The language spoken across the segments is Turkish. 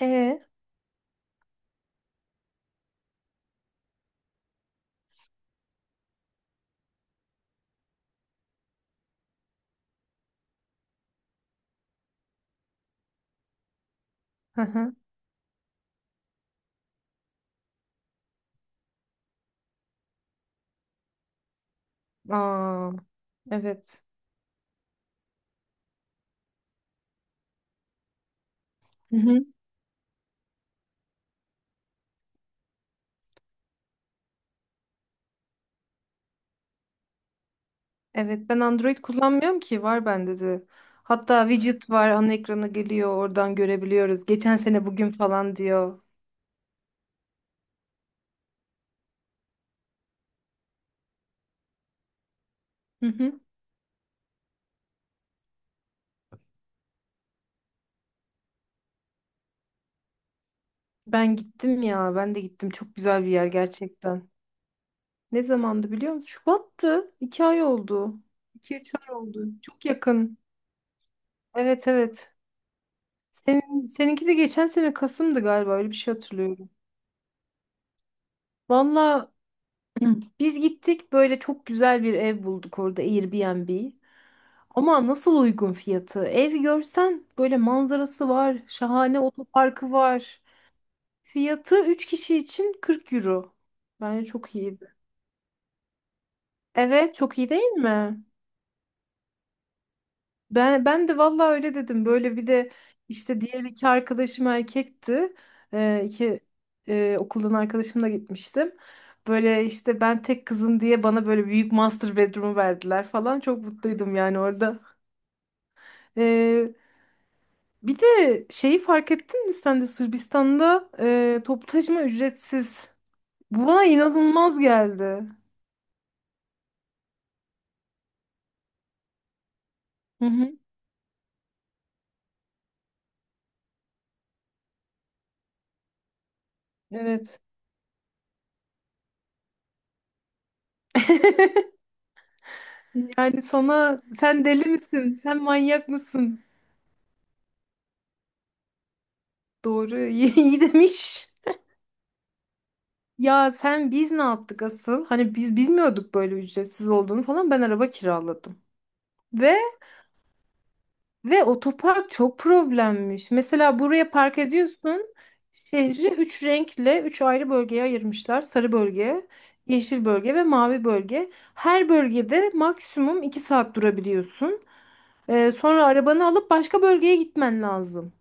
E, hı hı. Aa, evet. Hı hı. Evet, ben Android kullanmıyorum ki, var bende de. Hatta widget var, ana ekrana geliyor, oradan görebiliyoruz. Geçen sene bugün falan diyor. Hı hı. Ben gittim ya, ben de gittim, çok güzel bir yer gerçekten. Ne zamandı biliyor musun? Şubat'tı. 2 ay oldu. İki üç ay oldu. Çok yakın. Evet evet. Seninki de geçen sene Kasım'dı galiba, öyle bir şey hatırlıyorum. Valla, biz gittik, böyle çok güzel bir ev bulduk orada, Airbnb. Ama nasıl uygun fiyatı! Ev görsen, böyle manzarası var, şahane otoparkı var. Fiyatı 3 kişi için 40 euro. Bence çok iyiydi. Evet, çok iyi değil mi? Ben de vallahi öyle dedim. Böyle bir de işte diğer iki arkadaşım erkekti. İki okuldan arkadaşımla gitmiştim. Böyle işte, ben tek kızım diye bana böyle büyük master bedroom'u verdiler falan. Çok mutluydum yani orada. Ee, bir de şeyi fark ettin mi, sen de Sırbistan'da toplu taşıma ücretsiz. Bu bana inanılmaz geldi. Hı hı. Evet. Yani sana, sen deli misin, sen manyak mısın? Doğru. İyi, iyi demiş. Ya sen, biz ne yaptık asıl? Hani biz bilmiyorduk böyle ücretsiz olduğunu falan. Ben araba kiraladım. Ve ve otopark çok problemmiş. Mesela buraya park ediyorsun. Şehri üç renkle üç ayrı bölgeye ayırmışlar. Sarı bölge, yeşil bölge ve mavi bölge. Her bölgede maksimum 2 saat durabiliyorsun. Sonra arabanı alıp başka bölgeye gitmen lazım.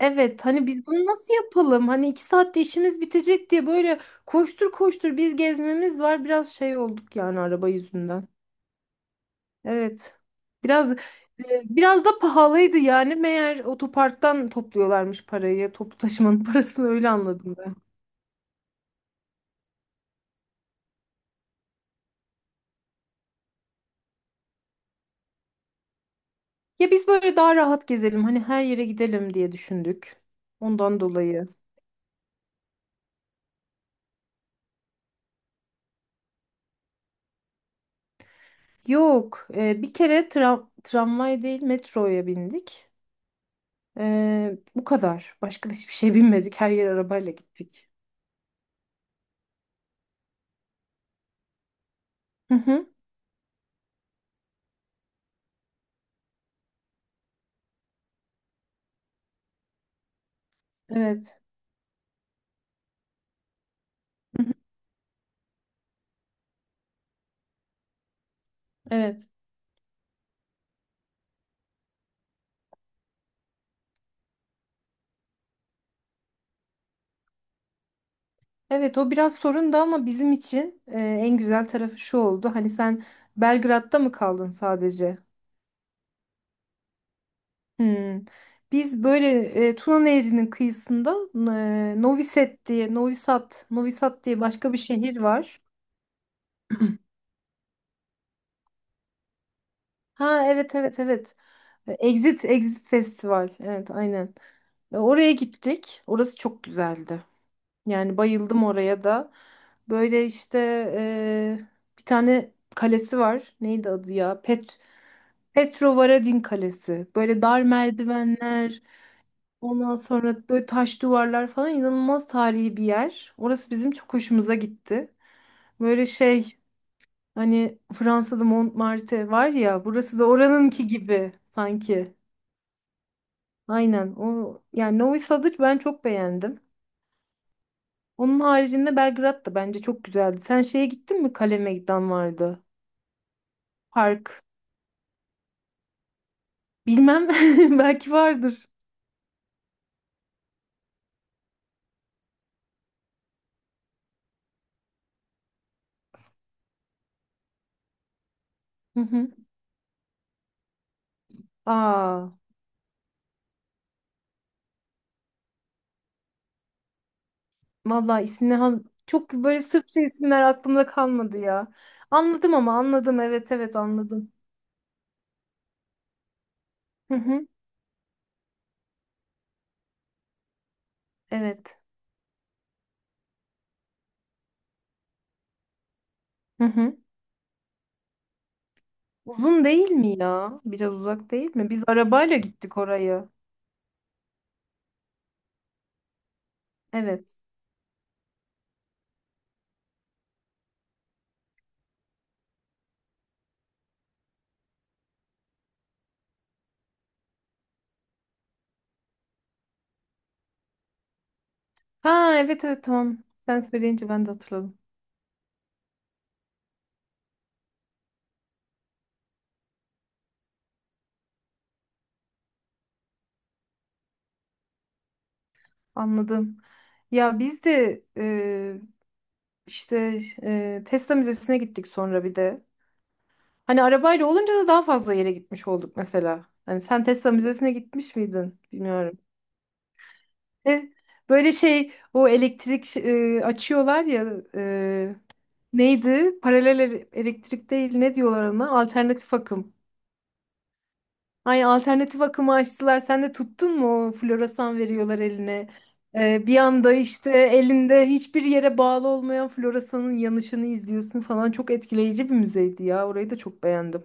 Evet, hani biz bunu nasıl yapalım? Hani 2 saatte işimiz bitecek diye böyle koştur koştur, biz gezmemiz var. Biraz şey olduk yani araba yüzünden. Evet. Biraz e, biraz da pahalıydı yani. Meğer otoparktan topluyorlarmış parayı. Toplu taşımanın parasını öyle anladım ben. Ya biz böyle daha rahat gezelim, hani her yere gidelim diye düşündük. Ondan dolayı. Yok. Bir kere tramvay değil, metroya bindik. Bu kadar. Başka da hiçbir şey bilmedik. Her yer arabayla gittik. Hı hı. Evet. Hı hı. Evet. Evet, o biraz sorundu ama bizim için en güzel tarafı şu oldu. Hani sen Belgrad'da mı kaldın sadece? Hmm. Biz böyle Tuna Nehri'nin kıyısında, Novi Sad diye başka bir şehir var. Ha evet evet evet. Exit Festival. Evet, aynen. Oraya gittik. Orası çok güzeldi. Yani bayıldım oraya da. Böyle işte, eee, bir tane kalesi var. Neydi adı ya? Petrovaradin Kalesi. Böyle dar merdivenler, ondan sonra böyle taş duvarlar falan, inanılmaz tarihi bir yer. Orası bizim çok hoşumuza gitti. Böyle şey, hani Fransa'da Montmartre var ya, burası da oranınki gibi sanki. Aynen o, yani Novi Sad'ı ben çok beğendim. Onun haricinde Belgrad da bence çok güzeldi. Sen şeye gittin mi? Kale vardı. Park. Bilmem. Belki vardır. Hı hı. Aa, vallahi ismini çok, böyle Sırpça isimler aklımda kalmadı ya. Anladım ama, anladım. Evet evet, anladım. Hı hı. Evet. Hı hı. Uzun değil mi ya? Biraz uzak değil mi? Biz arabayla gittik oraya. Evet. Ha evet evet, tamam. Sen söyleyince ben de hatırladım. Anladım. Ya biz de İşte Tesla Müzesi'ne gittik sonra bir de. Hani arabayla olunca da daha fazla yere gitmiş olduk mesela. Hani sen Tesla Müzesi'ne gitmiş miydin? Bilmiyorum. E, Böyle şey, o elektrik, açıyorlar ya, neydi? Paralel elektrik değil, ne diyorlar ona? Alternatif akım. Ay, alternatif akımı açtılar. Sen de tuttun mu? O floresan veriyorlar eline. Bir anda işte elinde hiçbir yere bağlı olmayan floresanın yanışını izliyorsun falan. Çok etkileyici bir müzeydi ya. Orayı da çok beğendim.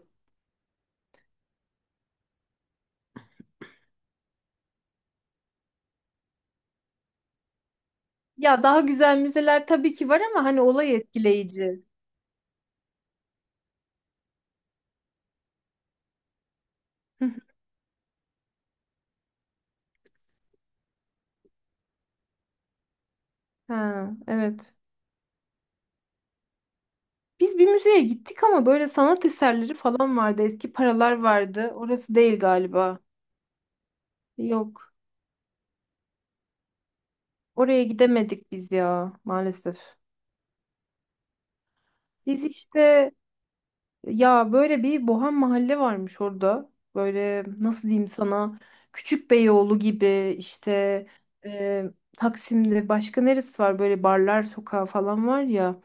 Ya, daha güzel müzeler tabii ki var ama hani olay etkileyici. Hı hı. Ha, evet. Biz bir müzeye gittik ama böyle sanat eserleri falan vardı, eski paralar vardı. Orası değil galiba. Yok. Oraya gidemedik biz ya, maalesef. Biz işte, ya böyle bir bohem mahalle varmış orada. Böyle nasıl diyeyim sana, Küçükbeyoğlu gibi işte, e, Taksim'de başka neresi var, böyle barlar sokağı falan var ya.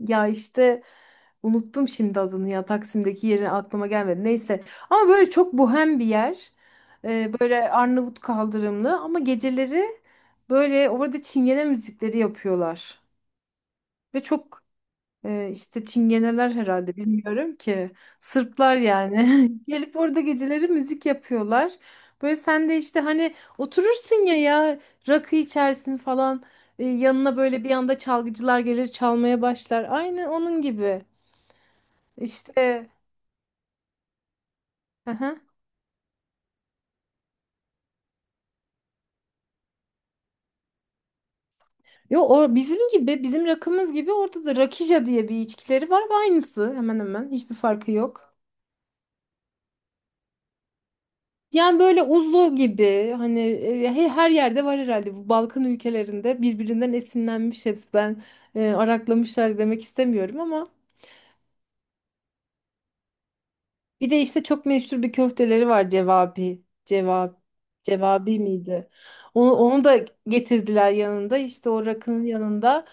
Ya işte unuttum şimdi adını ya, Taksim'deki yeri aklıma gelmedi. Neyse, ama böyle çok bohem bir yer. Böyle Arnavut kaldırımlı ama geceleri böyle orada çingene müzikleri yapıyorlar. Ve çok. İşte Çingeneler herhalde, bilmiyorum ki. Sırplar yani. Gelip orada geceleri müzik yapıyorlar. Böyle sen de işte, hani oturursun ya rakı içersin falan. Yanına böyle bir anda çalgıcılar gelir, çalmaya başlar. Aynı onun gibi. İşte. Aha. Yo, o bizim gibi, bizim rakımız gibi, orada da rakija diye bir içkileri var ve aynısı, hemen hemen hiçbir farkı yok. Yani böyle uzlu gibi, hani her yerde var herhalde, bu Balkan ülkelerinde birbirinden esinlenmiş hepsi. Ben araklamışlar demek istemiyorum ama bir de işte çok meşhur bir köfteleri var, cevabi, cevap, cevabi miydi? Onu da getirdiler yanında işte, o rakının yanında.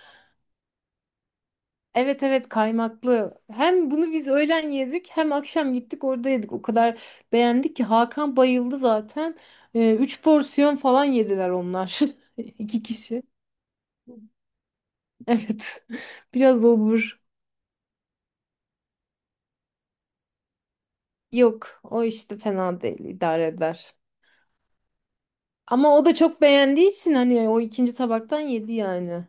Evet evet, kaymaklı. Hem bunu biz öğlen yedik, hem akşam gittik orada yedik. O kadar beğendik ki Hakan bayıldı zaten. 3 porsiyon falan yediler onlar, iki kişi. Evet. Biraz obur. Yok, o işte fena değil, idare eder. Ama o da çok beğendiği için hani o ikinci tabaktan yedi yani.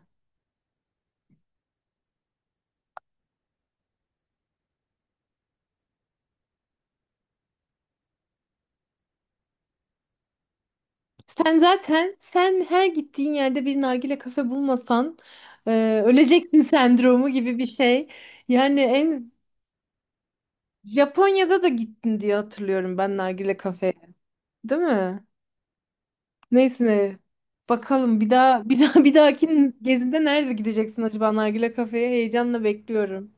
Sen zaten, sen her gittiğin yerde bir nargile kafe bulmasan öleceksin sendromu gibi bir şey. Yani en Japonya'da da gittin diye hatırlıyorum ben, nargile kafeye, değil mi? Neyse ne. Bakalım bir dahaki gezinde nerede gideceksin acaba, nargile kafeye heyecanla bekliyorum.